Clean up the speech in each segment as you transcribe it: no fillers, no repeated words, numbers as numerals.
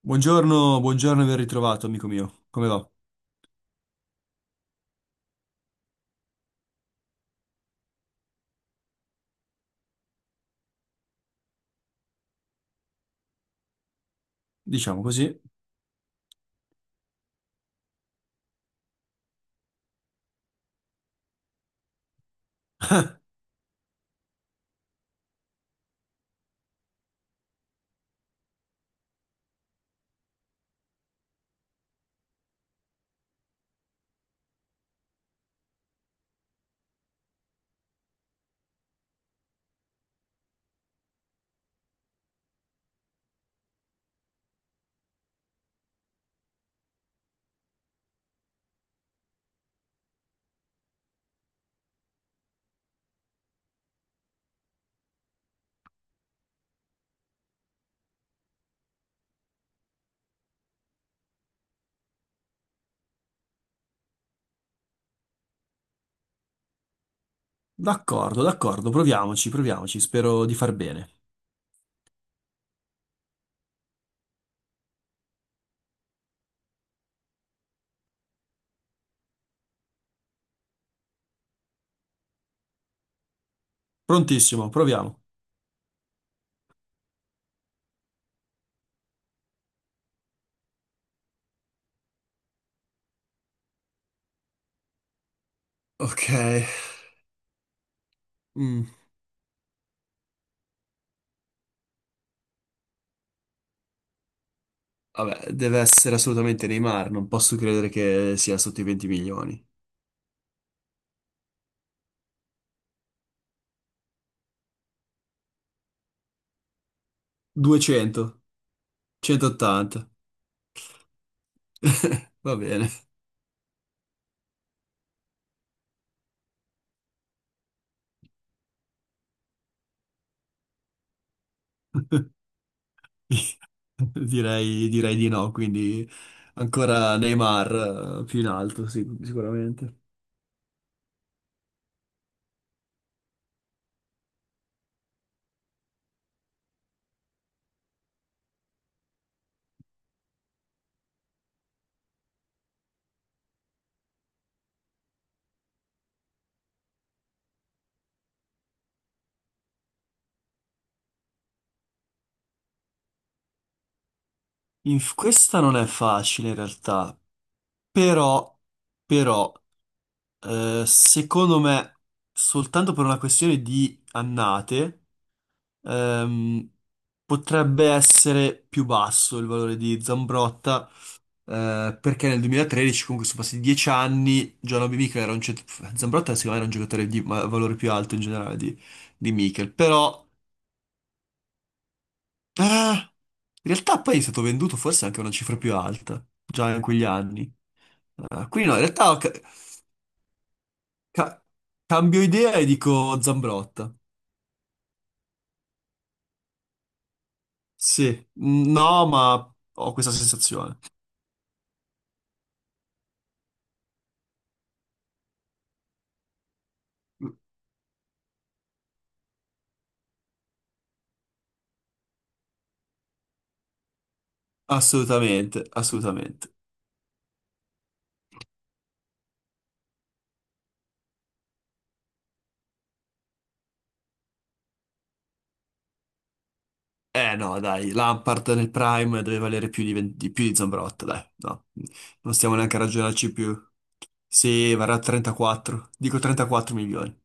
Buongiorno, buongiorno e ben ritrovato, amico mio. Come va? Diciamo così. D'accordo, d'accordo, proviamoci, proviamoci. Spero di far bene. Prontissimo, proviamo. Ok. Mm, Vabbè, deve essere assolutamente Neymar, non posso credere che sia sotto i 20 milioni. 200, 180. Va bene. Direi di no, quindi ancora Neymar più in alto, sì, sicuramente. Questa non è facile in realtà. Però, però, secondo me, soltanto per una questione di annate, ehm, potrebbe essere più basso il valore di Zambrotta, perché nel 2013, comunque sono passati 10 anni, John Obi Mikel era un. Zambrotta secondo me era un giocatore di valore più alto in generale di Mikel, però, in realtà poi è stato venduto forse anche a una cifra più alta, già in quegli anni. Quindi no, in realtà, ok. Ca- cambio idea e dico Zambrotta. Sì, no, ma ho questa sensazione. Assolutamente, assolutamente. Eh no, dai, Lampard nel Prime deve valere più di 20 di più di Zambrotta, dai, no. Non stiamo neanche a ragionarci più. Sì, varrà 34. Dico 34 milioni.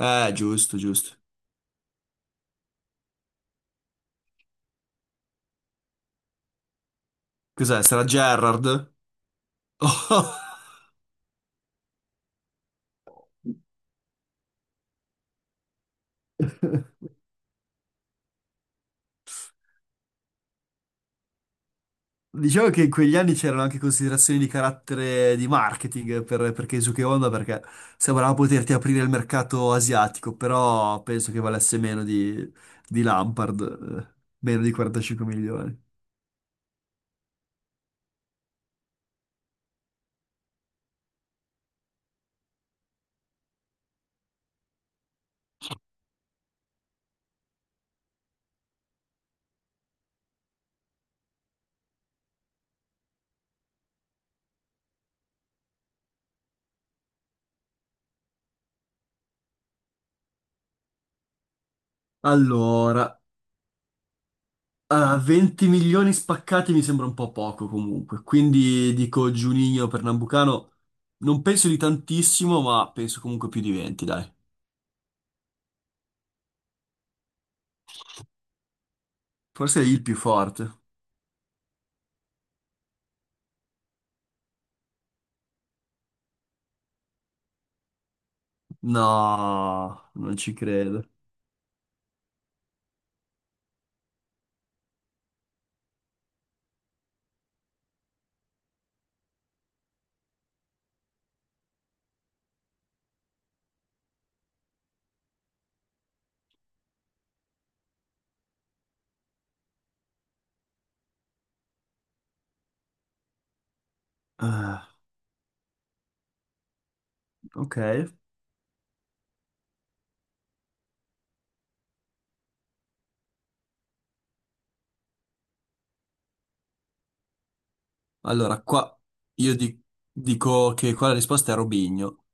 Giusto, giusto. Cos'è? Sarà Gerrard? Oh. Diciamo che in quegli anni c'erano anche considerazioni di carattere di marketing per Keisuke Honda perché sembrava poterti aprire il mercato asiatico, però penso che valesse meno di Lampard, meno di 45 milioni. Allora, 20 milioni spaccati mi sembra un po' poco comunque, quindi dico Juninho per Nambucano, non penso di tantissimo, ma penso comunque più di 20, dai. Forse è il più forte. No, non ci credo. Ah, ok. Allora, qua io dico che qua la risposta è Robinho.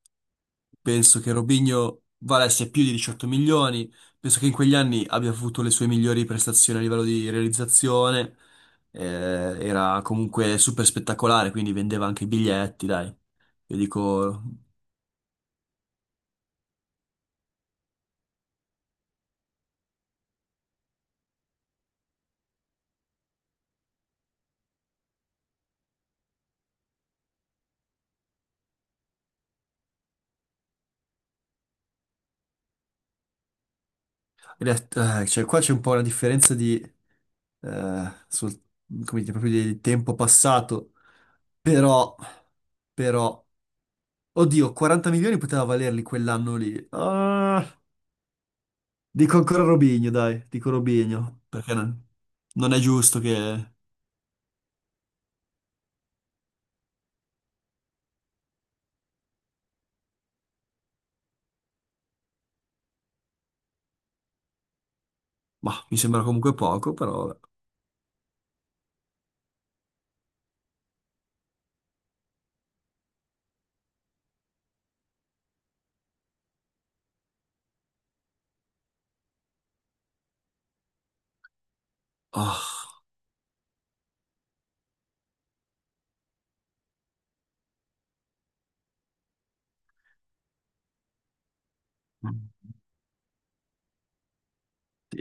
Penso che Robinho valesse più di 18 milioni, penso che in quegli anni abbia avuto le sue migliori prestazioni a livello di realizzazione, eh, era comunque super spettacolare, quindi vendeva anche i biglietti, dai. Io dico, in realtà, cioè, qua c'è un po' una differenza di, eh, sul- come dire, proprio di tempo passato, però, però, oddio, 40 milioni poteva valerli quell'anno lì. Ah. Dico ancora Robinho, dai, dico Robinho, perché non è giusto che. Ma mi sembra comunque poco, però, vabbè. Ah.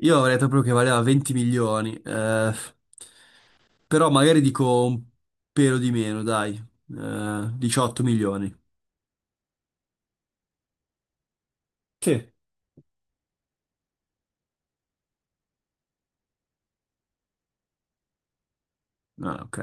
Io avrei detto proprio che valeva 20 milioni, però magari dico un pelo di meno, dai, 18 milioni. Che? Ah, ok.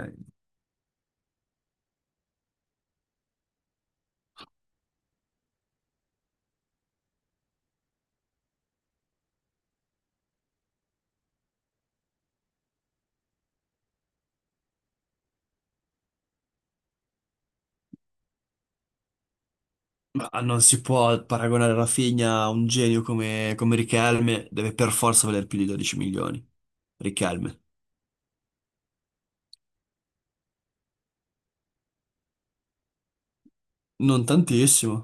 Ma non si può paragonare Rafinha a un genio come Riquelme, deve per forza valer più di 12 milioni. Riquelme. Non tantissimo.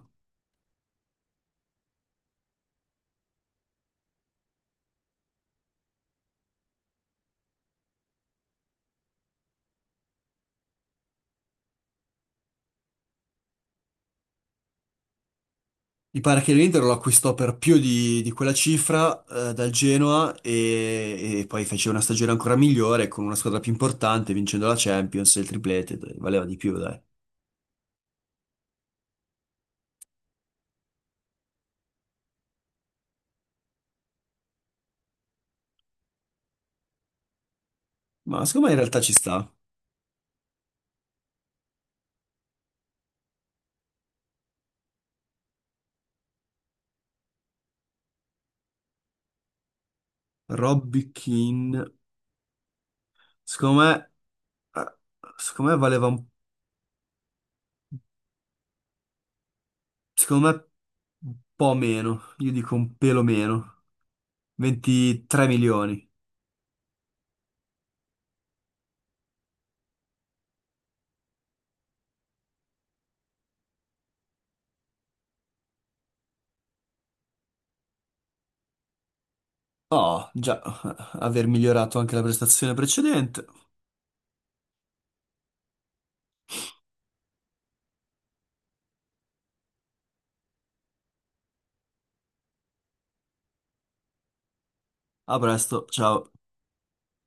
Mi pare che l'Inter lo acquistò per più di quella cifra dal Genoa e poi fece una stagione ancora migliore con una squadra più importante, vincendo la Champions e il triplete, dai, valeva di più, dai. Ma secondo me in realtà ci sta. Robby Keane, secondo me, eh, secondo me valeva un, secondo me un po' meno, io dico un pelo meno, 23 milioni. Oh, già, aver migliorato anche la prestazione precedente. A presto, ciao.